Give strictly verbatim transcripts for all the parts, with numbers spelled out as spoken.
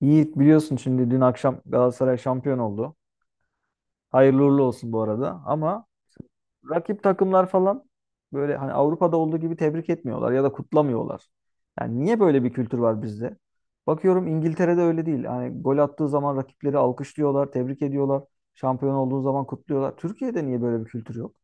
Yiğit biliyorsun şimdi dün akşam Galatasaray şampiyon oldu. Hayırlı uğurlu olsun bu arada. Ama rakip takımlar falan böyle hani Avrupa'da olduğu gibi tebrik etmiyorlar ya da kutlamıyorlar. Yani niye böyle bir kültür var bizde? Bakıyorum İngiltere'de öyle değil. Hani gol attığı zaman rakipleri alkışlıyorlar, tebrik ediyorlar. Şampiyon olduğu zaman kutluyorlar. Türkiye'de niye böyle bir kültür yok?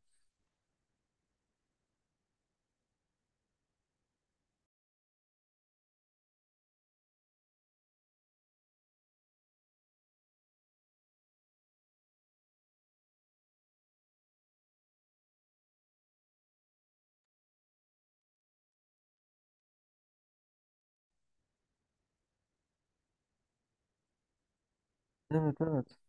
Evet, evet.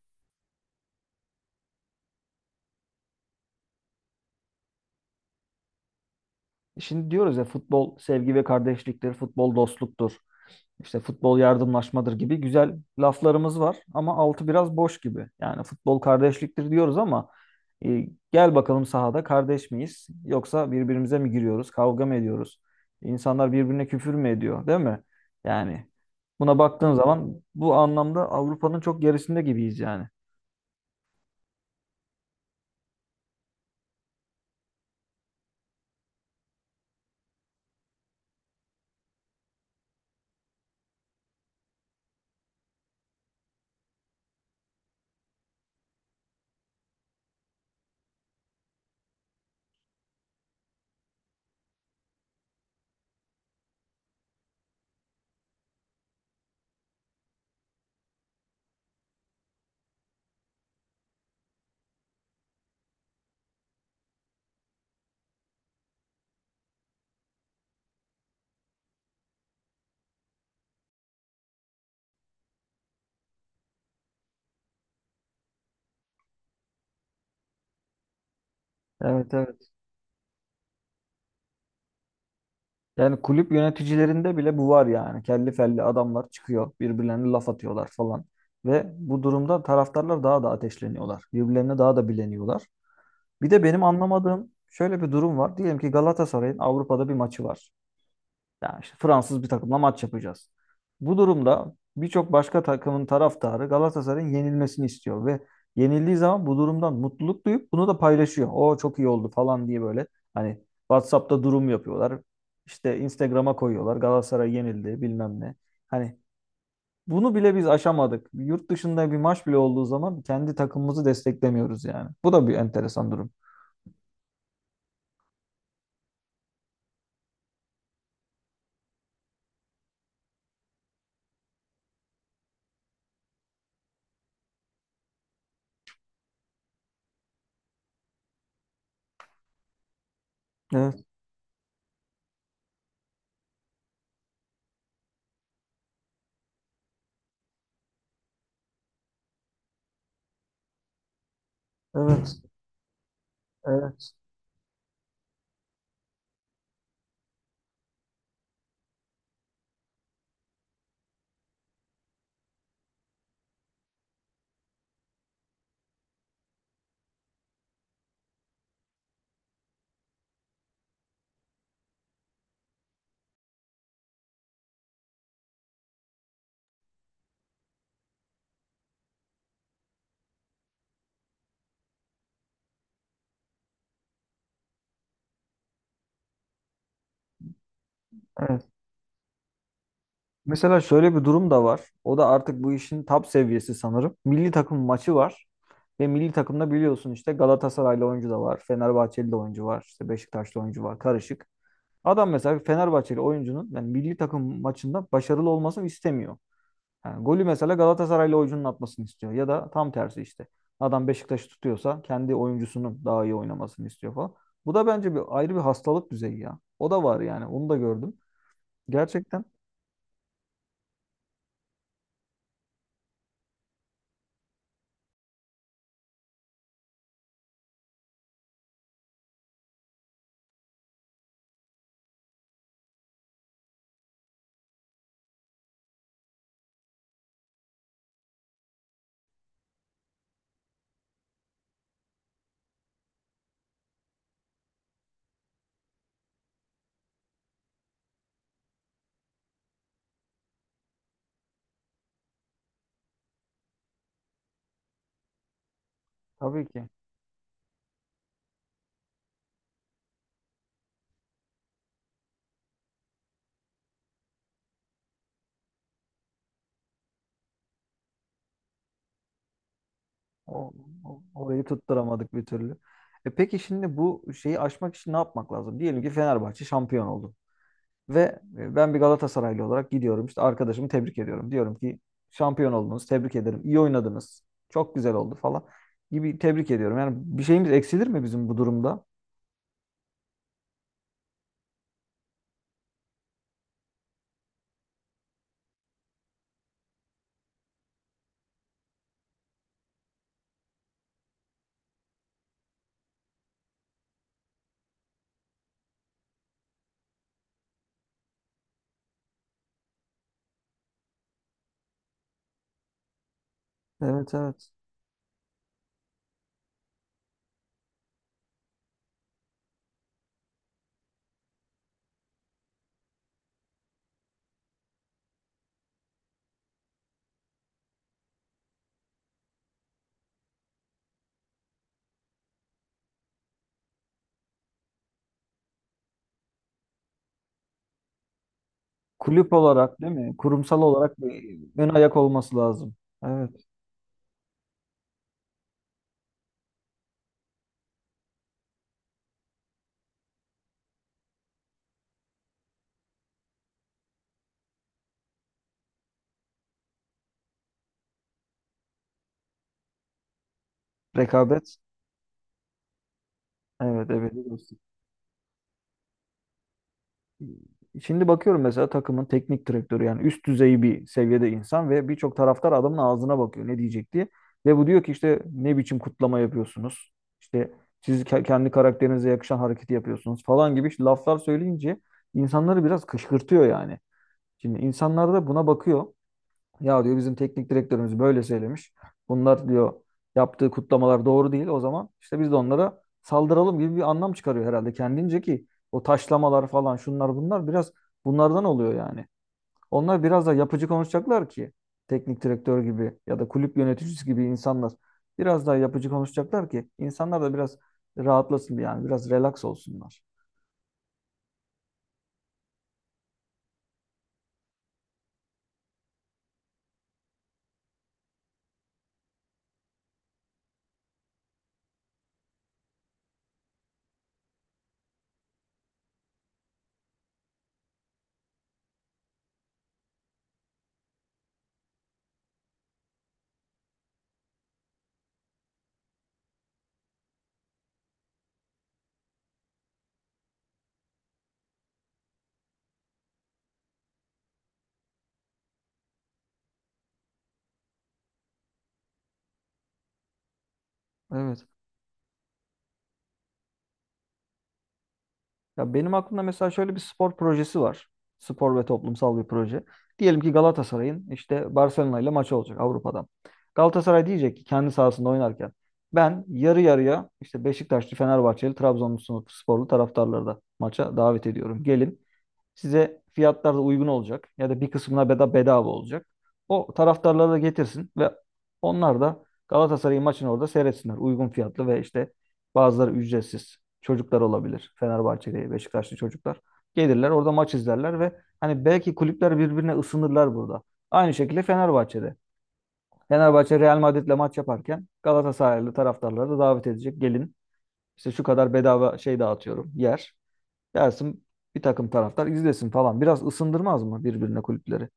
Şimdi diyoruz ya futbol sevgi ve kardeşliktir, futbol dostluktur. İşte futbol yardımlaşmadır gibi güzel laflarımız var ama altı biraz boş gibi. Yani futbol kardeşliktir diyoruz ama e, gel bakalım sahada kardeş miyiz yoksa birbirimize mi giriyoruz, kavga mı ediyoruz? İnsanlar birbirine küfür mü ediyor, değil mi? Yani buna baktığın zaman bu anlamda Avrupa'nın çok gerisinde gibiyiz yani. Evet, evet. Yani kulüp yöneticilerinde bile bu var yani. Kelli felli adamlar çıkıyor, birbirlerine laf atıyorlar falan. Ve bu durumda taraftarlar daha da ateşleniyorlar. Birbirlerine daha da bileniyorlar. Bir de benim anlamadığım şöyle bir durum var. Diyelim ki Galatasaray'ın Avrupa'da bir maçı var. Yani işte Fransız bir takımla maç yapacağız. Bu durumda birçok başka takımın taraftarı Galatasaray'ın yenilmesini istiyor ve yenildiği zaman bu durumdan mutluluk duyup bunu da paylaşıyor. O çok iyi oldu falan diye böyle hani WhatsApp'ta durum yapıyorlar. İşte Instagram'a koyuyorlar. Galatasaray yenildi bilmem ne. Hani bunu bile biz aşamadık. Yurt dışında bir maç bile olduğu zaman kendi takımımızı desteklemiyoruz yani. Bu da bir enteresan durum. Evet, evet, evet, evet. Mesela şöyle bir durum da var. O da artık bu işin top seviyesi sanırım. Milli takım maçı var. Ve milli takımda biliyorsun işte Galatasaraylı oyuncu da var. Fenerbahçeli de oyuncu var. İşte Beşiktaşlı oyuncu var. Karışık. Adam mesela Fenerbahçeli oyuncunun yani milli takım maçında başarılı olmasını istemiyor. Yani golü mesela Galatasaraylı oyuncunun atmasını istiyor. Ya da tam tersi işte. Adam Beşiktaş'ı tutuyorsa kendi oyuncusunun daha iyi oynamasını istiyor falan. Bu da bence bir ayrı bir hastalık düzeyi ya. O da var yani. Onu da gördüm. Gerçekten. Tabii ki. O, o- Orayı tutturamadık bir türlü. E peki şimdi bu şeyi aşmak için ne yapmak lazım? Diyelim ki Fenerbahçe şampiyon oldu. Ve e, ben bir Galatasaraylı olarak gidiyorum. İşte arkadaşımı tebrik ediyorum. Diyorum ki şampiyon oldunuz, tebrik ederim. İyi oynadınız. Çok güzel oldu falan gibi tebrik ediyorum. Yani bir şeyimiz eksilir mi bizim bu durumda? Evet, evet. Kulüp olarak değil mi? Kurumsal olarak bir ön ayak olması lazım. Evet. Rekabet. Evet, evet. Şimdi bakıyorum mesela takımın teknik direktörü yani üst düzey bir seviyede insan ve birçok taraftar adamın ağzına bakıyor ne diyecek diye. Ve bu diyor ki işte ne biçim kutlama yapıyorsunuz? İşte siz ke- kendi karakterinize yakışan hareketi yapıyorsunuz falan gibi laflar söyleyince insanları biraz kışkırtıyor yani. Şimdi insanlar da buna bakıyor. Ya diyor bizim teknik direktörümüz böyle söylemiş. Bunlar diyor yaptığı kutlamalar doğru değil. O zaman işte biz de onlara saldıralım gibi bir anlam çıkarıyor herhalde kendince ki o taşlamalar falan şunlar bunlar biraz bunlardan oluyor yani. Onlar biraz da yapıcı konuşacaklar ki teknik direktör gibi ya da kulüp yöneticisi gibi insanlar biraz daha yapıcı konuşacaklar ki insanlar da biraz rahatlasın yani biraz relax olsunlar. Evet. Ya benim aklımda mesela şöyle bir spor projesi var. Spor ve toplumsal bir proje. Diyelim ki Galatasaray'ın işte Barcelona ile maçı olacak Avrupa'da. Galatasaray diyecek ki kendi sahasında oynarken ben yarı yarıya işte Beşiktaşlı, Fenerbahçeli, Trabzonlu sporlu taraftarları da maça davet ediyorum. Gelin, Size fiyatlar da uygun olacak ya da bir kısmına beda bedava olacak. O taraftarları da getirsin ve onlar da Galatasaray maçını orada seyretsinler. Uygun fiyatlı ve işte bazıları ücretsiz çocuklar olabilir. Fenerbahçeli, Beşiktaşlı çocuklar. Gelirler orada maç izlerler ve hani belki kulüpler birbirine ısınırlar burada. Aynı şekilde Fenerbahçe'de. Fenerbahçe Real Madrid'le maç yaparken Galatasaraylı taraftarları da davet edecek. Gelin, işte şu kadar bedava şey dağıtıyorum yer. Gelsin bir takım taraftar izlesin falan. Biraz ısındırmaz mı birbirine kulüpleri?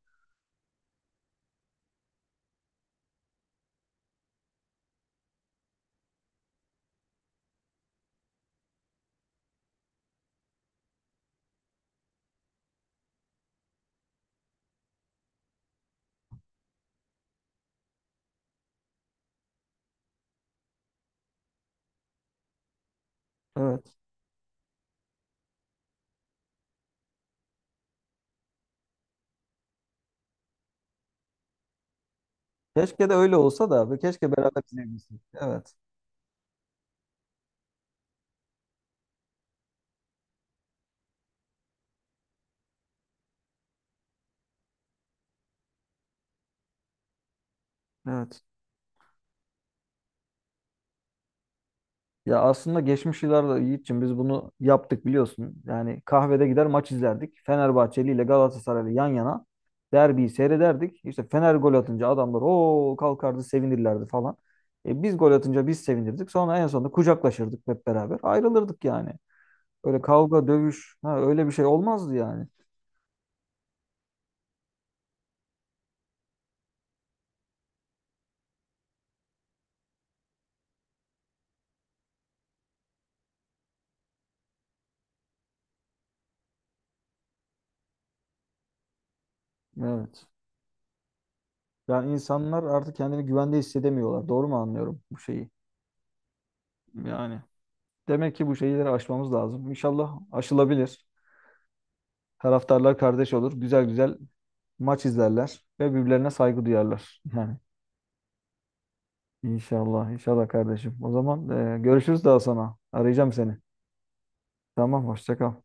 Evet. Keşke de öyle olsa da ve keşke beraber izleyebilsek. Evet. Evet. Ya aslında geçmiş yıllarda Yiğit'ciğim biz bunu yaptık biliyorsun. Yani kahvede gider maç izlerdik. Fenerbahçeli ile Galatasaraylı yan yana derbiyi seyrederdik. İşte Fener gol atınca adamlar o kalkardı sevinirlerdi falan. E biz gol atınca biz sevinirdik. Sonra en sonunda kucaklaşırdık hep beraber. Ayrılırdık yani. Öyle kavga, dövüş, ha, öyle bir şey olmazdı yani. Evet. Yani insanlar artık kendini güvende hissedemiyorlar. Doğru mu anlıyorum bu şeyi? Yani demek ki bu şeyleri aşmamız lazım. İnşallah aşılabilir. Taraftarlar kardeş olur. Güzel güzel maç izlerler ve birbirlerine saygı duyarlar. Yani inşallah, inşallah kardeşim. O zaman e, görüşürüz daha sonra. Arayacağım seni. Tamam, hoşça kal.